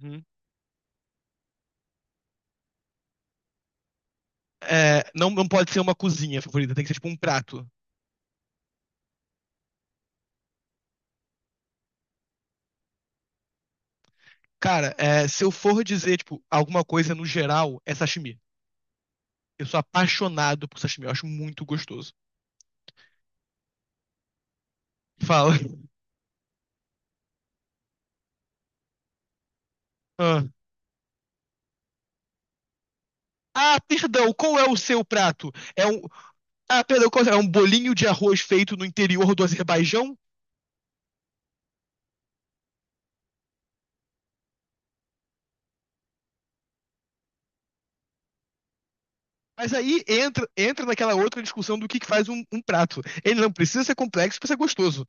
Uhum. É, não, não pode ser uma cozinha favorita, tem que ser tipo um prato. Cara, é, se eu for dizer, tipo, alguma coisa no geral, é sashimi. Eu sou apaixonado por sashimi, eu acho muito gostoso. Fala. Ah, perdão, qual é o seu prato? É um. Ah, perdão, qual é? É um bolinho de arroz feito no interior do Azerbaijão? Mas aí entra, naquela outra discussão do que faz um prato. Ele não precisa ser complexo pra ser gostoso.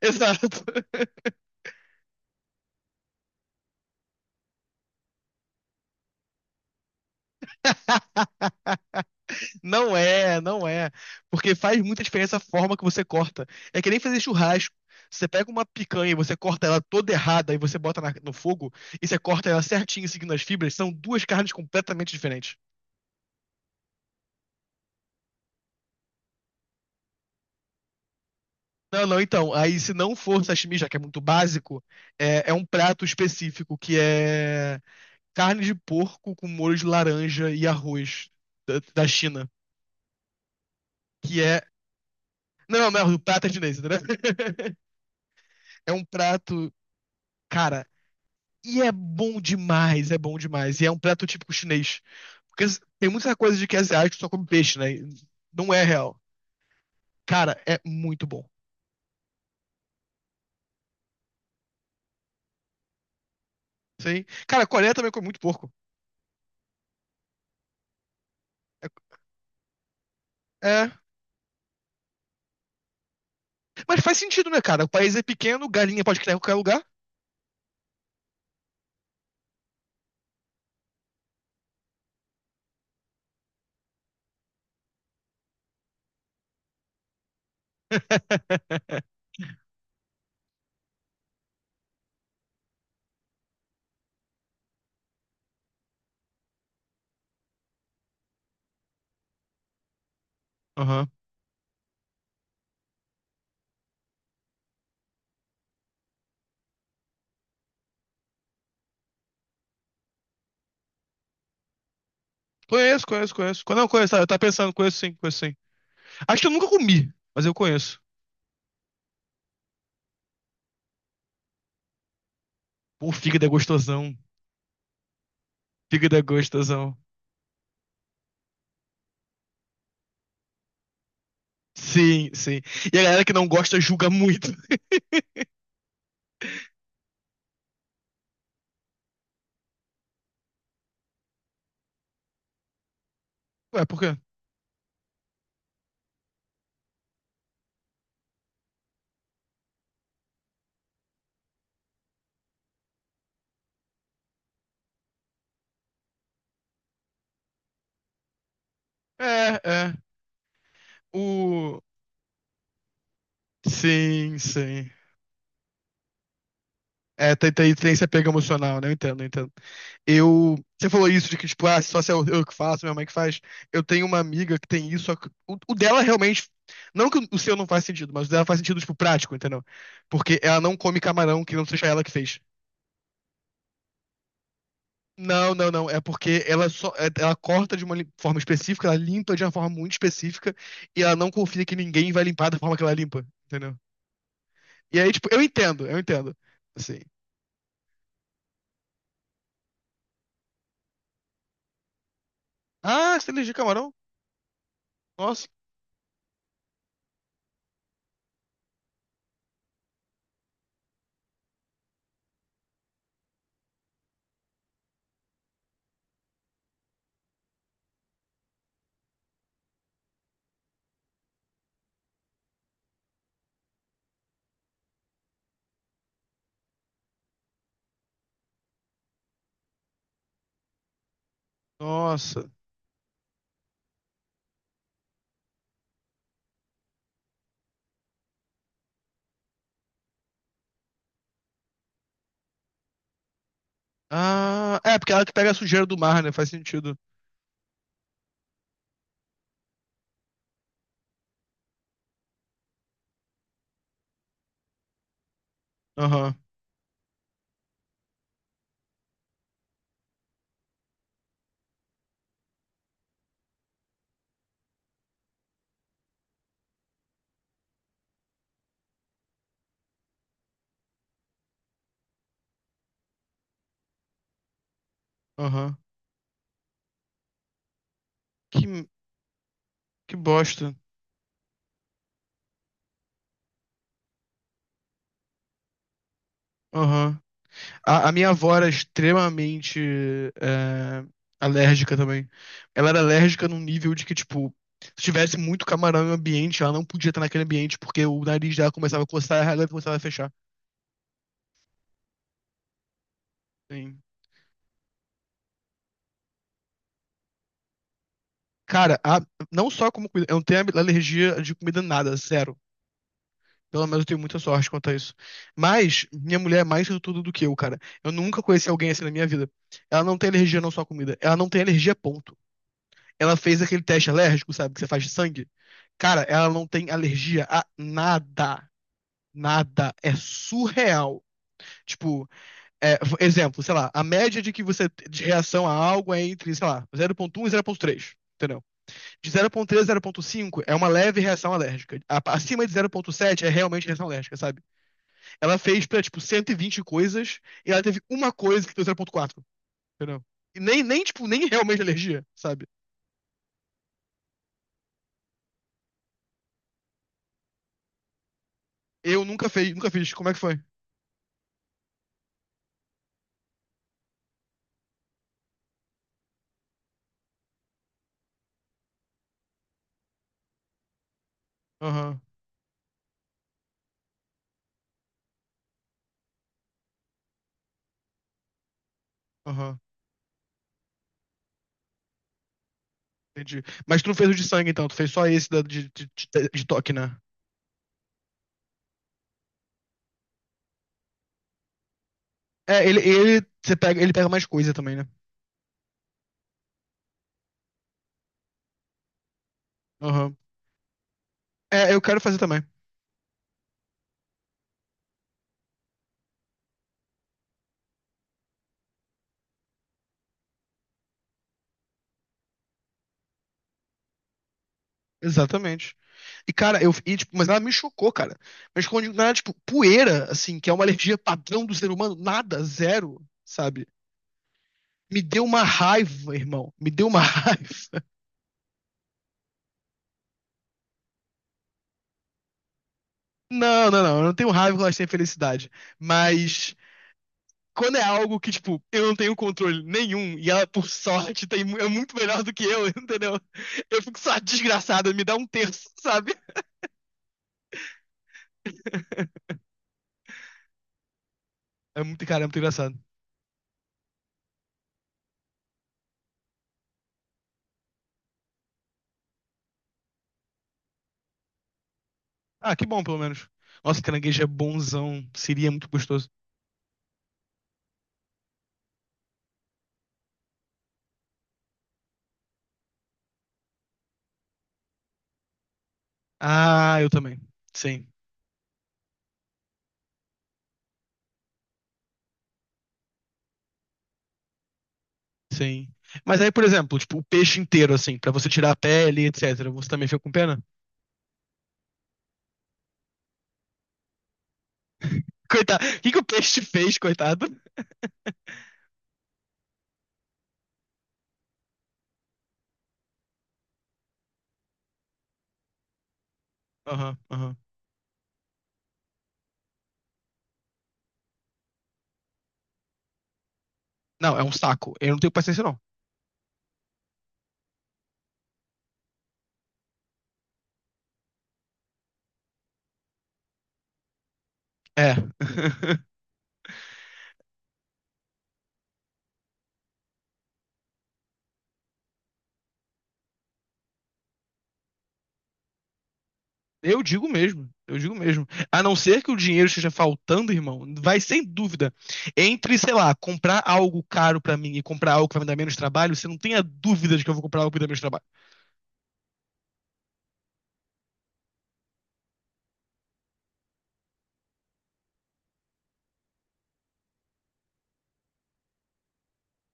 Exato. Não é, não é. Porque faz muita diferença a forma que você corta. É que nem fazer churrasco. Você pega uma picanha e você corta ela toda errada e você bota no fogo e você corta ela certinho seguindo as fibras, são duas carnes completamente diferentes. Não, não, então. Aí se não for sashimi, já que é muito básico, é um prato específico que é carne de porco com molho de laranja e arroz da China. Que é. Não, não, não, o prato é chinês, entendeu? É um prato. Cara, e é bom demais, é bom demais. E é um prato típico chinês. Porque tem muita coisa de que é asiático só come peixe, né? E não é real. Cara, é muito bom. Sim. Cara, a Coreia também come muito porco. É. É. Mas faz sentido, né, cara? O país é pequeno, galinha pode criar em qualquer lugar. Aham. Conheço, conheço, conheço. Não, conheço, tá? Eu tava pensando, conheço sim, conheço sim. Acho que eu nunca comi, mas eu conheço. Pô, fígado é gostosão. Fígado é gostosão. Sim, sim. E a galera que não gosta julga muito. Ué, por quê? É, é. O. Sim, sim. É, tem esse apego emocional, né? Eu entendo, eu entendo. Eu. Você falou isso de que, tipo, ah, só se eu que faço, minha mãe que faz. Eu tenho uma amiga que tem isso. Só que o dela realmente. Não que o seu não faz sentido, mas o dela faz sentido, tipo, prático, entendeu? Porque ela não come camarão que não seja ela que fez. Não, não, não. É porque ela só, ela corta de uma forma específica, ela limpa de uma forma muito específica e ela não confia que ninguém vai limpar da forma que ela limpa, entendeu? E aí, tipo, eu entendo, eu entendo. Assim. Ah, você tem alergia a camarão? Nossa, nossa. Ah, é porque é ela que pega a sujeira do mar, né? Faz sentido. Aham, aham. Que, que bosta. Aham. A minha avó era extremamente é, alérgica também. Ela era alérgica num nível de que, tipo, se tivesse muito camarão em um ambiente, ela não podia estar naquele ambiente porque o nariz dela começava a coçar e ela começava a fechar. Sim. Cara, não só como comida, eu não tenho alergia de comida nada, zero. Pelo menos eu tenho muita sorte quanto a isso. Mas minha mulher é mais tudo do que eu, cara. Eu nunca conheci alguém assim na minha vida. Ela não tem alergia não só à comida, ela não tem alergia ponto. Ela fez aquele teste alérgico, sabe, que você faz de sangue. Cara, ela não tem alergia a nada. Nada. É surreal. Tipo, exemplo, sei lá, a média de que de reação a algo é entre, sei lá, 0,1 e 0,3, entendeu? De 0,3 a 0,5 é uma leve reação alérgica. Acima de 0,7 é realmente reação alérgica, sabe? Ela fez pra, tipo, 120 coisas e ela teve uma coisa que deu 0,4, entendeu? E nem, nem, tipo, nem realmente alergia, sabe? Eu nunca fiz, nunca fiz. Como é que foi? Aham, aham. Entendi. Mas tu não fez o de sangue, então, tu fez só esse de toque, né? É, você pega, ele pega mais coisa também, né? Aham. É, eu quero fazer também. Exatamente. E, cara, tipo, mas nada me chocou, cara. Mas quando eu digo nada, tipo, poeira, assim, que é uma alergia padrão do ser humano, nada, zero, sabe? Me deu uma raiva, irmão. Me deu uma raiva. Não, não, não. Eu não tenho raiva quando elas têm felicidade. Mas quando é algo que, tipo, eu não tenho controle nenhum e ela, por sorte, tem, é muito melhor do que eu, entendeu? Eu fico só desgraçado, me dá um terço, sabe? É muito, cara, é muito engraçado. Ah, que bom, pelo menos. Nossa, caranguejo é bonzão. Seria muito gostoso. Ah, eu também. Sim, sim. Mas aí, por exemplo, tipo, o peixe inteiro, assim, pra você tirar a pele, etc. Você também fica com pena? Coitado. O que que o peixe te fez, coitado? Aham, aham. Não, é um saco. Eu não tenho paciência, não. É. Eu digo mesmo, eu digo mesmo. A não ser que o dinheiro esteja faltando, irmão, vai sem dúvida. Entre, sei lá, comprar algo caro pra mim e comprar algo que vai me dar menos trabalho, você não tenha dúvida de que eu vou comprar algo que me dá menos trabalho.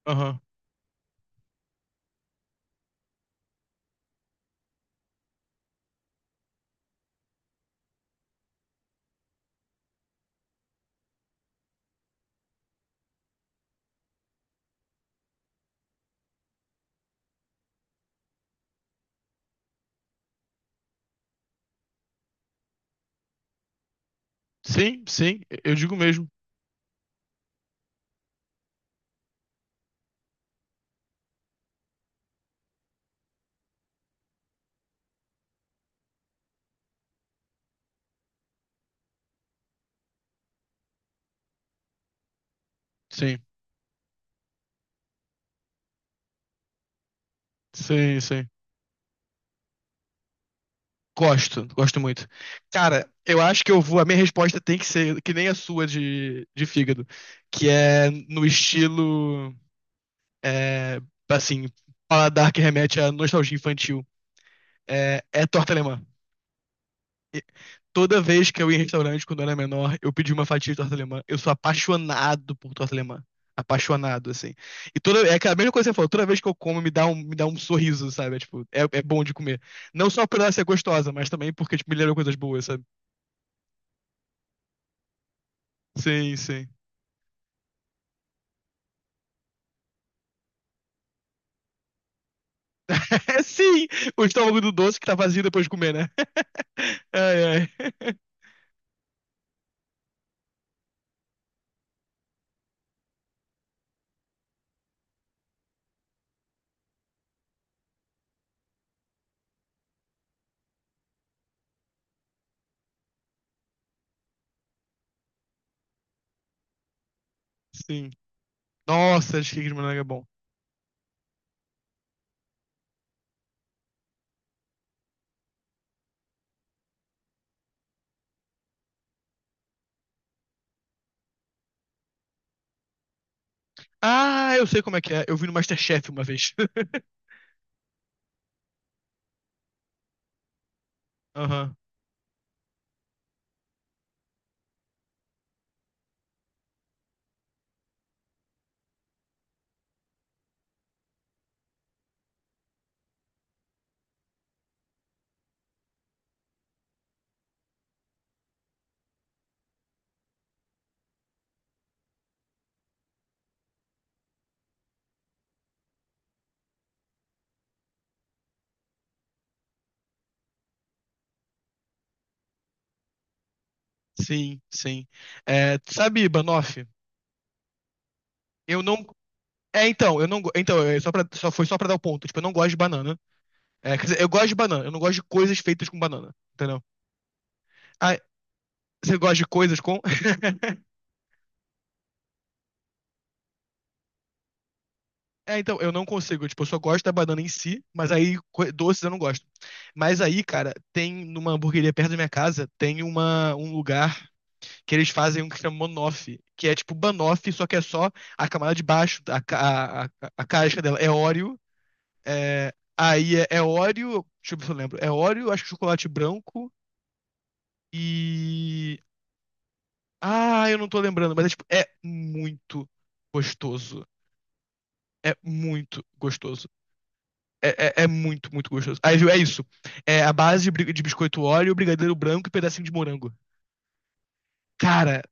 Aham. Sim, sim, eu digo mesmo. Sim, sim, sim. Gosto, gosto muito. Cara, eu acho que eu vou. A minha resposta tem que ser que nem a sua de fígado, que é no estilo, é, assim, paladar que remete à nostalgia infantil. É torta alemã. Toda vez que eu ia em restaurante quando eu era menor, eu pedi uma fatia de torta alemã. Eu sou apaixonado por torta alemã. Apaixonado, assim. E toda, é aquela mesma coisa que você falou, toda vez que eu como, me dá um sorriso, sabe? É, tipo, é bom de comer. Não só por ela ser gostosa, mas também porque, tipo, me lembra coisas boas, sabe? Sim, sim. Sim! O estômago do doce que tá vazio depois de comer, né? Ai, ai. Sim. Nossa, cheesecake de morango é bom. Ah, eu sei como é que é. Eu vi no MasterChef uma vez. Aham. Sim, sim. É, sabe, Banoff? Eu não. É, então, eu não. Então, é foi só pra dar o ponto. Tipo, eu não gosto de banana. É, quer dizer, eu gosto de banana. Eu não gosto de coisas feitas com banana. Entendeu? Ah, você gosta de coisas com. É, então, eu não consigo. Tipo, eu só gosto da banana em si, mas aí doces eu não gosto. Mas aí, cara, tem numa hamburgueria perto da minha casa, tem um lugar que eles fazem um que chama Monoff, que é tipo banoffee só que é só a camada de baixo, a, ca- a casca dela é Oreo. É, aí é Oreo, deixa eu ver se eu lembro. É Oreo, acho que chocolate branco e. Ah, eu não tô lembrando, mas é, tipo, é muito gostoso. É muito gostoso. É, é muito, muito gostoso. Aí, viu, é isso. É a base de biscoito Oreo, brigadeiro branco e pedacinho de morango. Cara,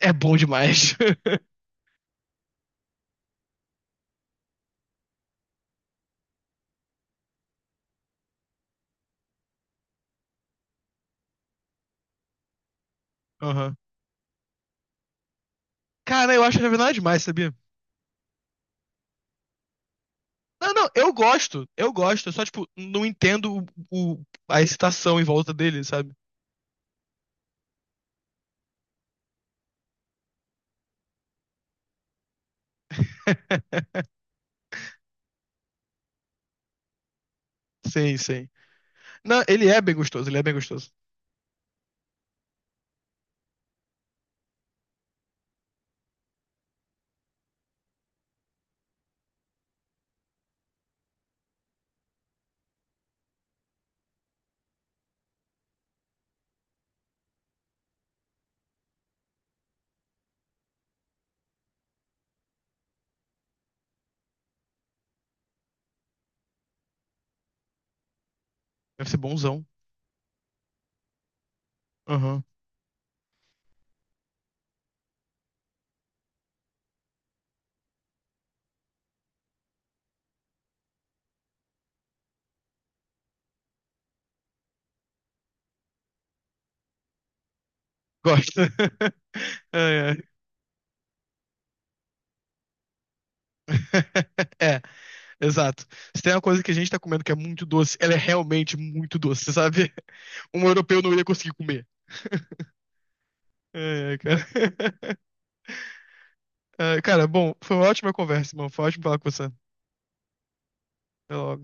é bom demais. Aham. Cara, eu acho que não é nada demais, sabia? Não, não, eu gosto, eu gosto. Eu só, tipo, não entendo a excitação em volta dele, sabe? Sim, sim. Não, ele é bem gostoso, ele é bem gostoso. Deve ser bonzão. Aham. Gosto. Ai, ai. É, exato. Se tem uma coisa que a gente tá comendo que é muito doce, ela é realmente muito doce, sabe? Um europeu não ia conseguir comer. Ai, ai, cara. Ai, cara, bom, foi uma ótima conversa, mano. Foi ótimo falar com você. Até logo.